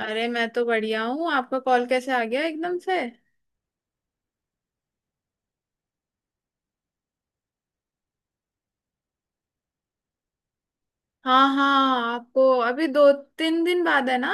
अरे मैं तो बढ़िया हूँ। आपका कॉल कैसे आ गया एकदम से। हाँ हाँ, आपको अभी दो तीन दिन बाद है ना।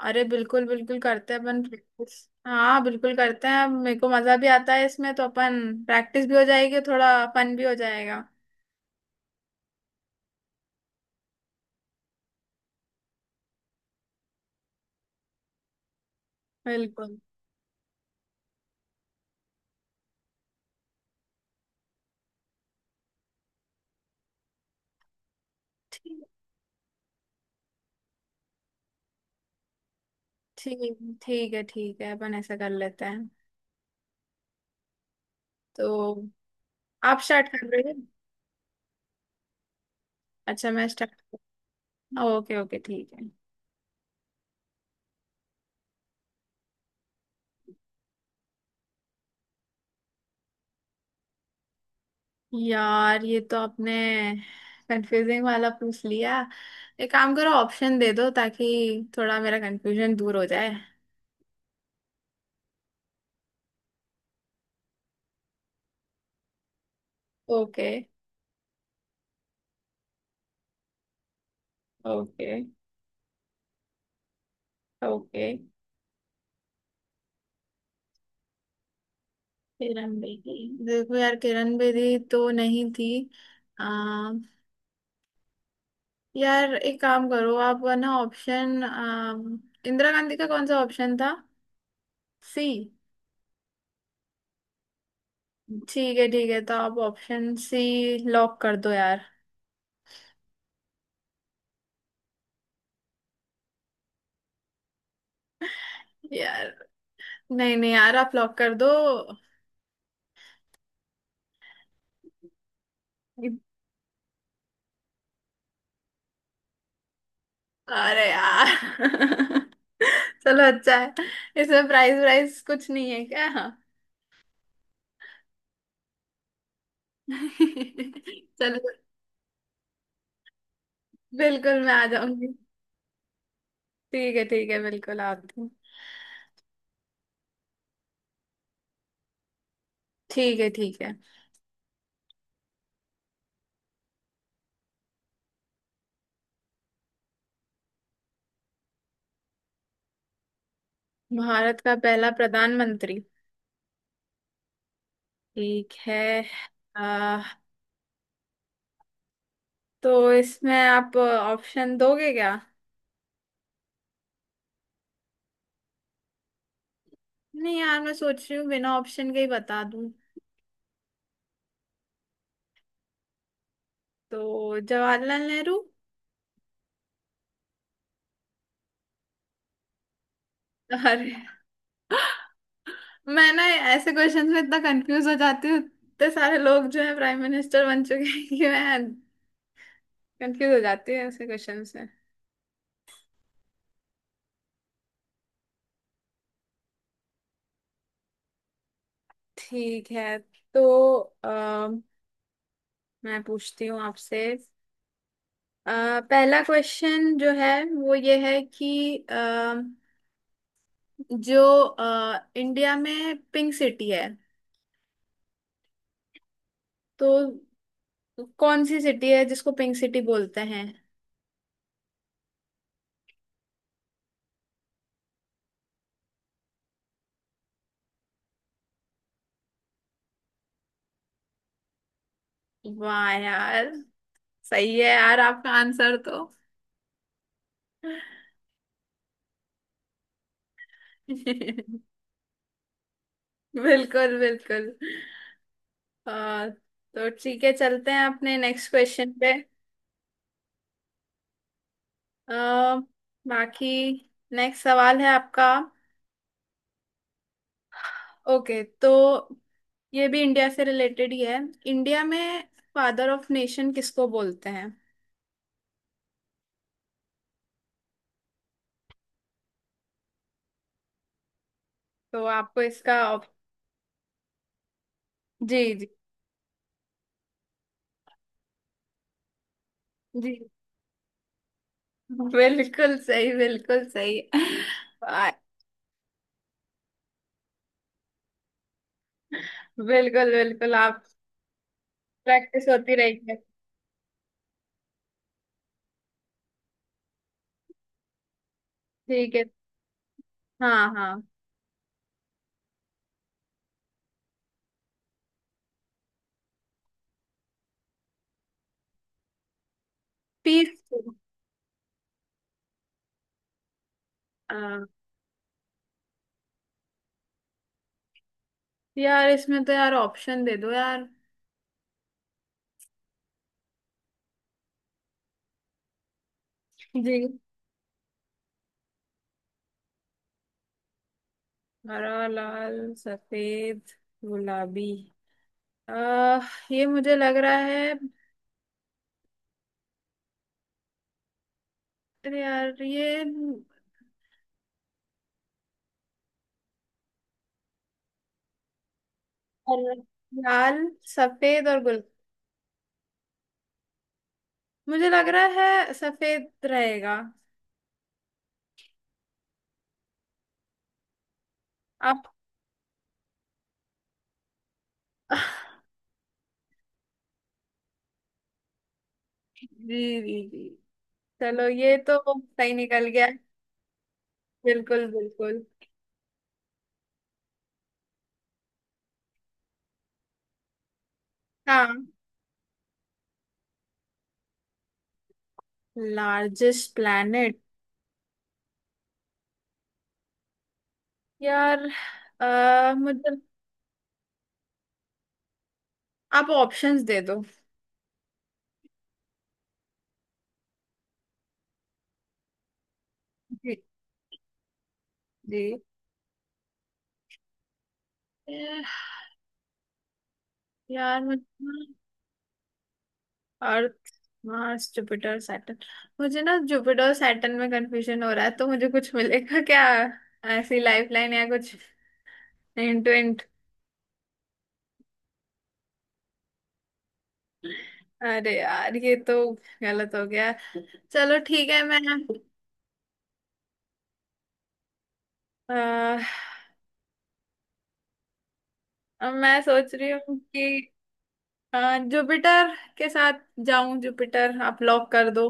अरे बिल्कुल बिल्कुल करते हैं अपन प्रैक्टिस। हाँ बिल्कुल करते हैं। अब मेरे को मजा भी आता है इसमें, तो अपन प्रैक्टिस भी हो जाएगी, थोड़ा फन भी हो जाएगा। बिल्कुल। ठीक। ठीक, ठीक है, ठीक है, अपन ऐसा कर लेते हैं। तो आप स्टार्ट कर रहे हैं। अच्छा मैं स्टार्ट। ओके ओके ठीक है। यार ये तो आपने कंफ्यूजिंग वाला पूछ लिया। एक काम करो, ऑप्शन दे दो ताकि थोड़ा मेरा कंफ्यूजन दूर हो जाए। Okay. Okay. Okay. Kiran Bedi. देखो यार, किरण बेदी तो नहीं थी। आ, यार एक काम करो आप, ना ऑप्शन, इंदिरा गांधी का कौन सा ऑप्शन था। सी। ठीक है, ठीक है, तो आप ऑप्शन सी लॉक कर दो यार। यार नहीं नहीं, यार आप लॉक कर दो। अरे यार। चलो अच्छा है। इसमें प्राइस प्राइस कुछ नहीं है क्या। चलो। बिल्कुल मैं आ जाऊंगी। ठीक है, ठीक है, बिल्कुल आती हूँ। ठीक है, ठीक है। भारत का पहला प्रधानमंत्री। ठीक है। आ, तो इसमें आप ऑप्शन दोगे क्या। नहीं यार, मैं सोच रही हूँ बिना ऑप्शन के ही बता दूं। तो जवाहरलाल नेहरू। अरे, मैं ना ऐसे क्वेश्चंस में इतना कंफ्यूज हो जाती हूँ। इतने सारे लोग जो है प्राइम मिनिस्टर बन चुके हैं कि मैं कंफ्यूज हो जाती हूँ ऐसे क्वेश्चन में। ठीक है। तो मैं पूछती हूँ आपसे। पहला क्वेश्चन जो है वो ये है कि जो इंडिया में पिंक सिटी है तो कौन सी सिटी है जिसको पिंक सिटी बोलते हैं। वाह यार, सही है यार, आपका आंसर तो। बिल्कुल बिल्कुल। तो ठीक है, चलते हैं अपने नेक्स्ट क्वेश्चन पे। आ, बाकी नेक्स्ट सवाल है आपका। ओके तो ये भी इंडिया से रिलेटेड ही है। इंडिया में फादर ऑफ नेशन किसको बोलते हैं। तो आपको इसका जी जी जी। बिल्कुल सही, बिल्कुल सही। आ, बिल्कुल बिल्कुल आप। प्रैक्टिस होती रहेगी। ठीक है। हाँ हाँ। पीस। यार इसमें तो यार ऑप्शन दे दो यार। जी। हरा लाल सफेद गुलाबी। आह, ये मुझे लग रहा है। अरे यार ये और लाल सफेद और गुल। मुझे लग रहा है सफेद रहेगा। आप। जी जी जी, चलो ये तो सही निकल गया। बिल्कुल बिल्कुल। हाँ। Largest planet. यार अह मुझे। आप ऑप्शंस दे दो। जी। जी। यार मुझे। Earth Mars Jupiter Saturn. मुझे ना जुपिटर सैटर्न में कंफ्यूजन हो रहा है, तो मुझे कुछ मिलेगा क्या, ऐसी लाइफलाइन या कुछ हिंट विंट। अरे यार, ये तो गलत हो गया। चलो ठीक है। मैं सोच रही हूँ कि जुपिटर के साथ जाऊं। जुपिटर आप लॉक कर दो।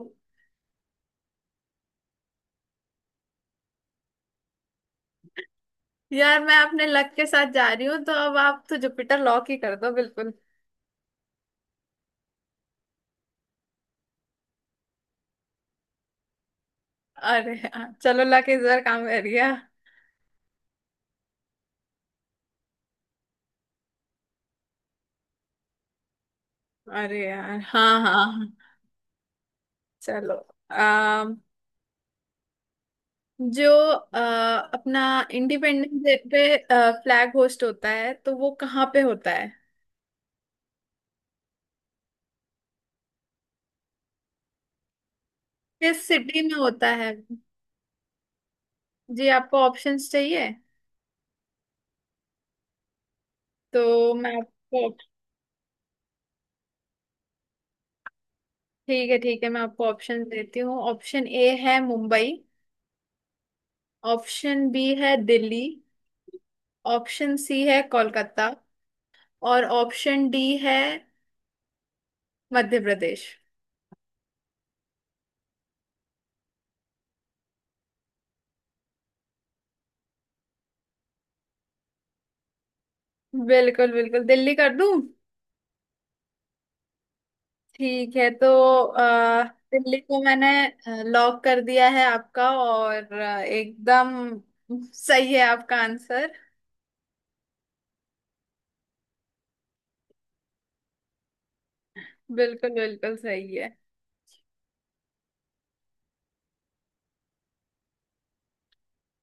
यार मैं अपने लक के साथ जा रही हूँ, तो अब आप तो जुपिटर लॉक ही कर दो बिल्कुल। अरे यार, चलो लक इस बार काम कर गया। अरे यार, हाँ हाँ हाँ। चलो। अम, जो अपना इंडिपेंडेंस डे पे फ्लैग होस्ट होता है तो वो कहाँ पे होता है, किस सिटी में होता है। जी आपको ऑप्शंस चाहिए तो मैं आपको। ठीक है, ठीक है, मैं आपको ऑप्शन देती हूँ। ऑप्शन ए है मुंबई, ऑप्शन बी है दिल्ली, ऑप्शन सी है कोलकाता, और ऑप्शन डी है मध्य प्रदेश। बिल्कुल बिल्कुल, दिल्ली कर दूं। ठीक है। अ, दिल्ली को मैंने लॉक कर दिया है। आपका और एकदम सही है आपका आंसर। बिल्कुल बिल्कुल सही है।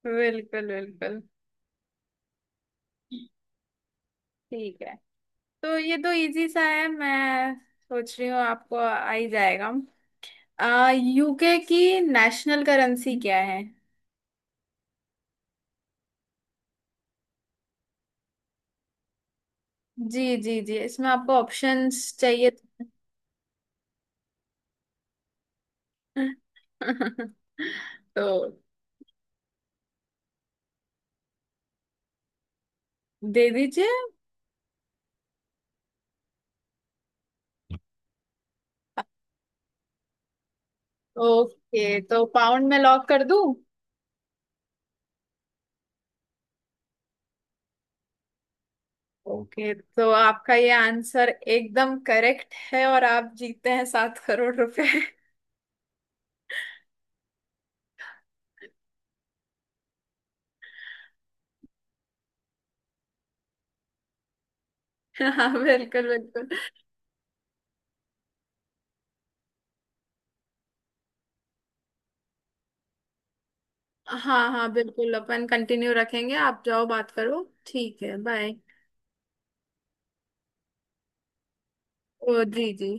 बिल्कुल बिल्कुल। ठीक है। तो ये तो इजी सा है, मैं सोच रही हूँ आपको आ ही जाएगा। यूके की नेशनल करेंसी क्या है। जी जी जी, इसमें आपको ऑप्शंस चाहिए। तो दे दीजिए। ओके तो पाउंड में लॉक कर दूं। ओके तो आपका ये आंसर एकदम करेक्ट है और आप जीतते हैं ₹7 करोड़। हाँ बिल्कुल बिल्कुल। हाँ हाँ बिल्कुल, अपन कंटिन्यू रखेंगे, आप जाओ बात करो, ठीक है बाय। ओ जी जी।